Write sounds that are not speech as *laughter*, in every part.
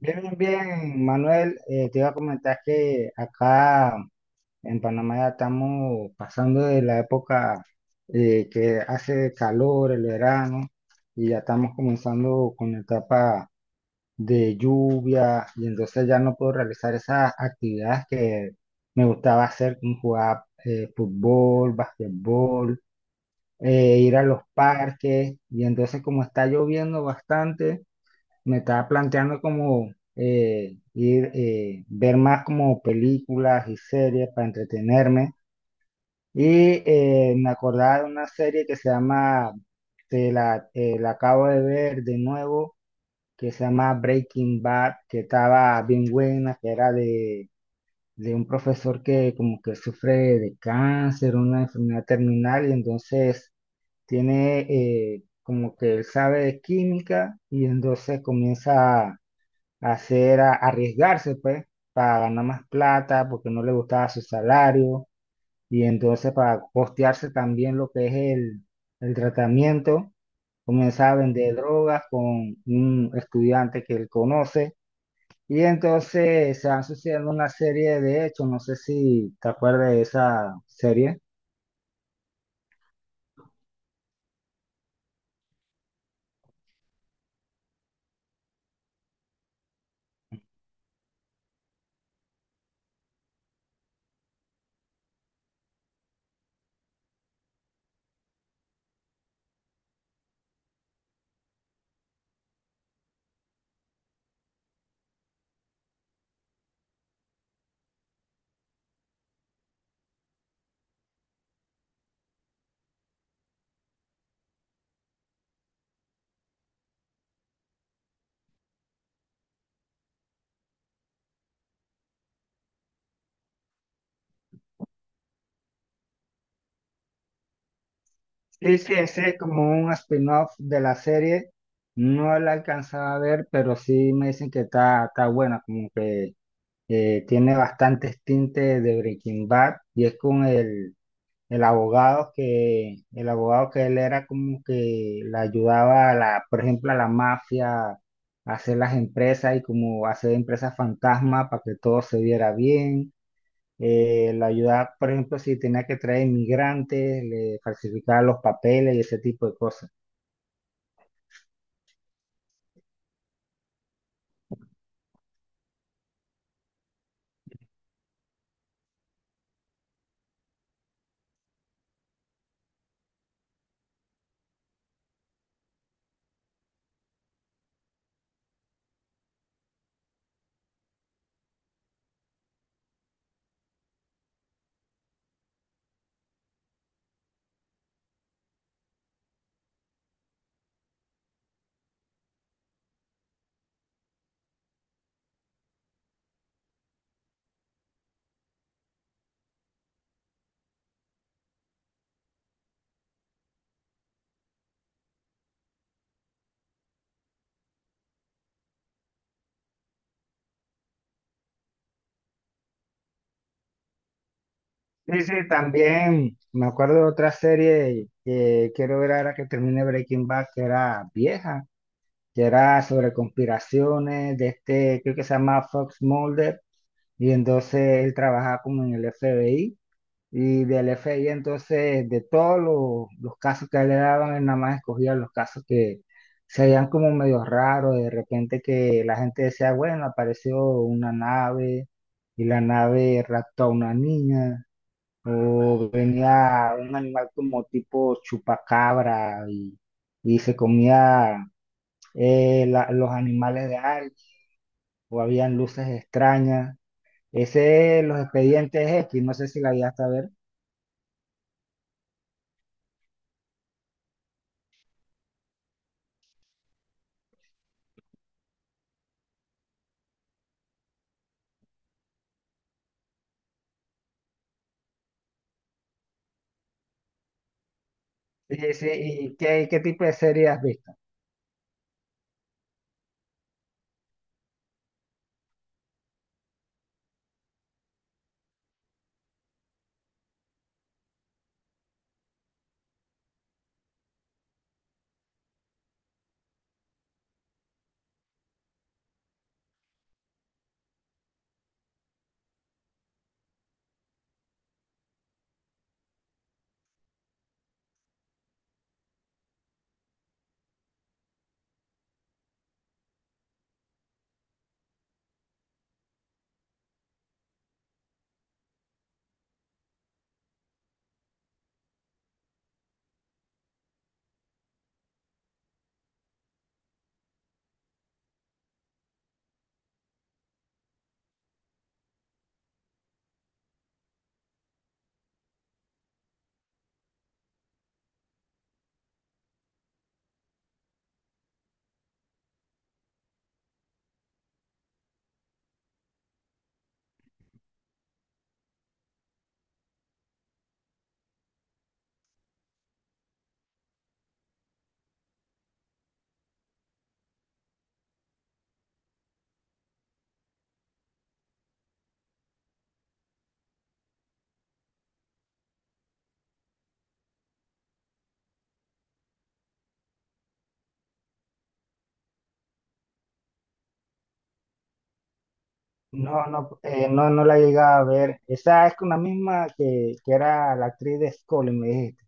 Bien, bien, bien, Manuel, te iba a comentar que acá en Panamá ya estamos pasando de la época que hace calor, el verano, y ya estamos comenzando con la etapa de lluvia, y entonces ya no puedo realizar esas actividades que me gustaba hacer, como jugar fútbol, basquetbol, ir a los parques, y entonces como está lloviendo bastante me estaba planteando como ver más como películas y series para entretenerme. Y Me acordaba de una serie que se llama, la acabo de ver de nuevo, que se llama Breaking Bad, que estaba bien buena, que era de un profesor que como que sufre de cáncer, una enfermedad terminal, y entonces tiene como que él sabe de química y entonces comienza hacer, arriesgarse, pues, para ganar más plata, porque no le gustaba su salario, y entonces para costearse también lo que es el tratamiento, comenzaba a vender drogas con un estudiante que él conoce, y entonces se van sucediendo una serie de hechos, no sé si te acuerdas de esa serie. Sí, sí, ese es como un spin-off de la serie. No la alcanzaba a ver, pero sí me dicen que está, está buena, como que tiene bastantes tintes de Breaking Bad y es con el abogado que él era como que le ayudaba a la, por ejemplo, a la mafia a hacer las empresas y como hacer empresas fantasma para que todo se viera bien. Le ayudaba, por ejemplo, si tenía que traer inmigrantes, le falsificaba los papeles y ese tipo de cosas. Sí, sí, también me acuerdo de otra serie que quiero ver ahora que termine Breaking Bad, que era vieja, que era sobre conspiraciones de este, creo que se llama Fox Mulder, y entonces él trabajaba como en el FBI, y del FBI entonces de todos los casos que a él le daban, él nada más escogía los casos que se veían como medio raros, de repente que la gente decía, bueno, apareció una nave, y la nave raptó a una niña, o venía un animal como tipo chupacabra, y se comía los animales de Arch, o habían luces extrañas. Ese, los expedientes X, no sé si la llegaste a ver. Sí, sí, ¿y qué, qué tipo de serie has visto? No, no, no la llegaba a ver. Esa es con la misma que era la actriz de Scully, me dijiste.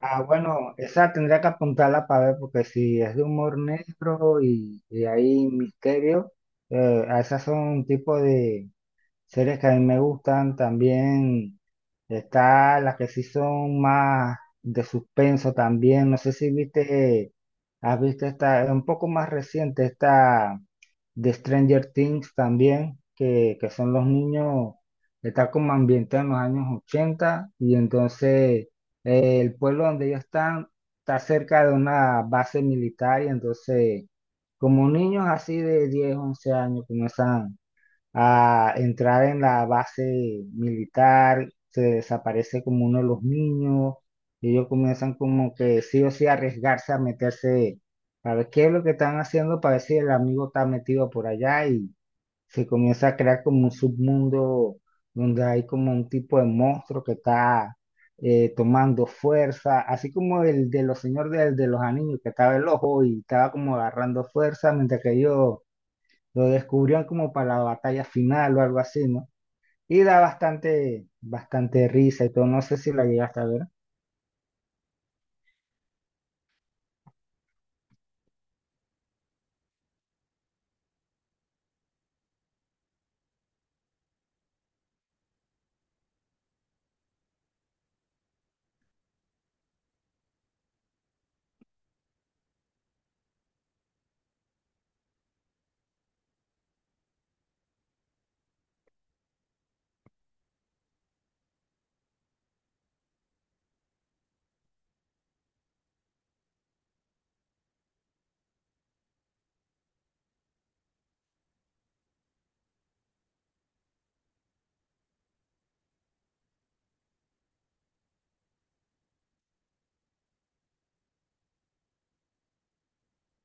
Ah, bueno, esa tendría que apuntarla para ver, porque si es de humor negro y hay misterio, esas son un tipo de series que a mí me gustan también. Está las que sí son más de suspenso también. No sé si viste, has visto esta, es un poco más reciente, esta de Stranger Things también, que son los niños, está como ambientada en los años 80 y entonces el pueblo donde ellos están está cerca de una base militar y entonces como niños así de 10 11 años comienzan a entrar en la base militar, se desaparece como uno de los niños, y ellos comienzan como que sí o sí a arriesgarse a meterse a ver qué es lo que están haciendo para ver si el amigo está metido por allá y se comienza a crear como un submundo donde hay como un tipo de monstruo que está tomando fuerza, así como el de los los anillos, que estaba el ojo y estaba como agarrando fuerza mientras que ellos lo descubrieron como para la batalla final o algo así, ¿no? Y da bastante, bastante risa y todo. No sé si la llegaste a ver.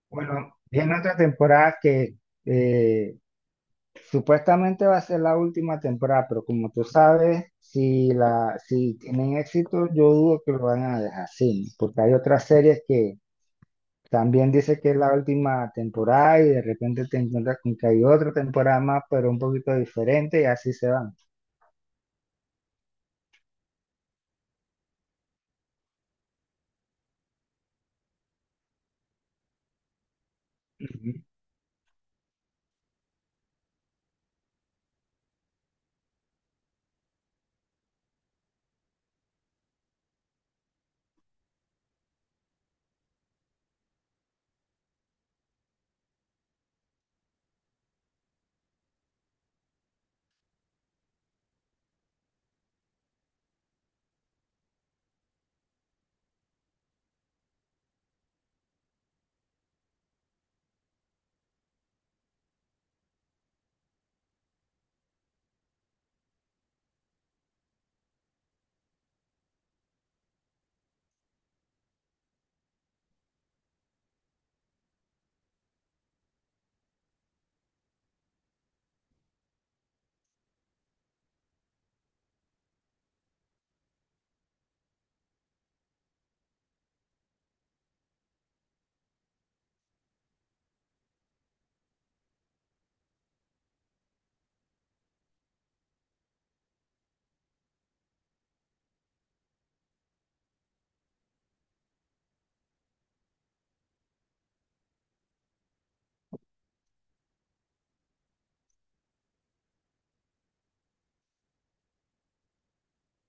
Bueno, viene otra temporada que eh, supuestamente va a ser la última temporada, pero como tú sabes, si la, si tienen éxito, yo dudo que lo van a dejar así, ¿no? Porque hay otras series que también dice que es la última temporada y de repente te encuentras con que hay otra temporada más, pero un poquito diferente y así se van. Ujú.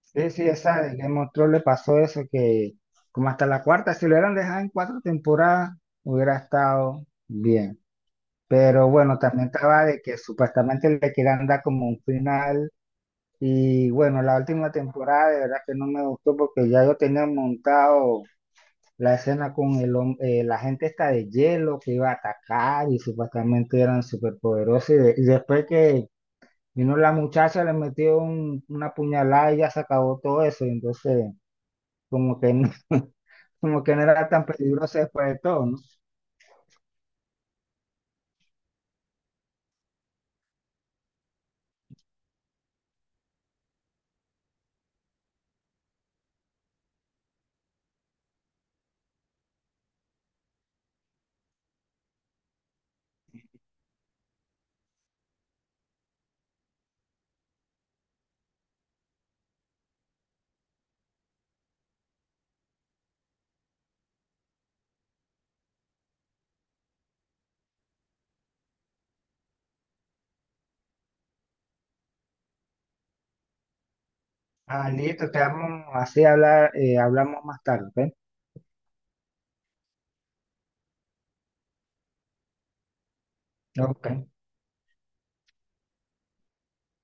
Sí, sí, esa de Game of Thrones le pasó eso, que como hasta la cuarta, si lo hubieran dejado en cuatro temporadas, hubiera estado bien. Pero bueno, también estaba de que supuestamente le querían dar como un final. Y bueno, la última temporada de verdad que no me gustó porque ya yo tenía montado la escena con el, la gente esta de hielo que iba a atacar y supuestamente eran superpoderosos. Y después que vino la muchacha, le metió una puñalada y ya se acabó todo eso. Entonces como que no, *laughs* como que no era tan peligroso después de todo, ¿no? Ah, listo, quedamos así, hablar, hablamos más tarde, ¿ok? Ok.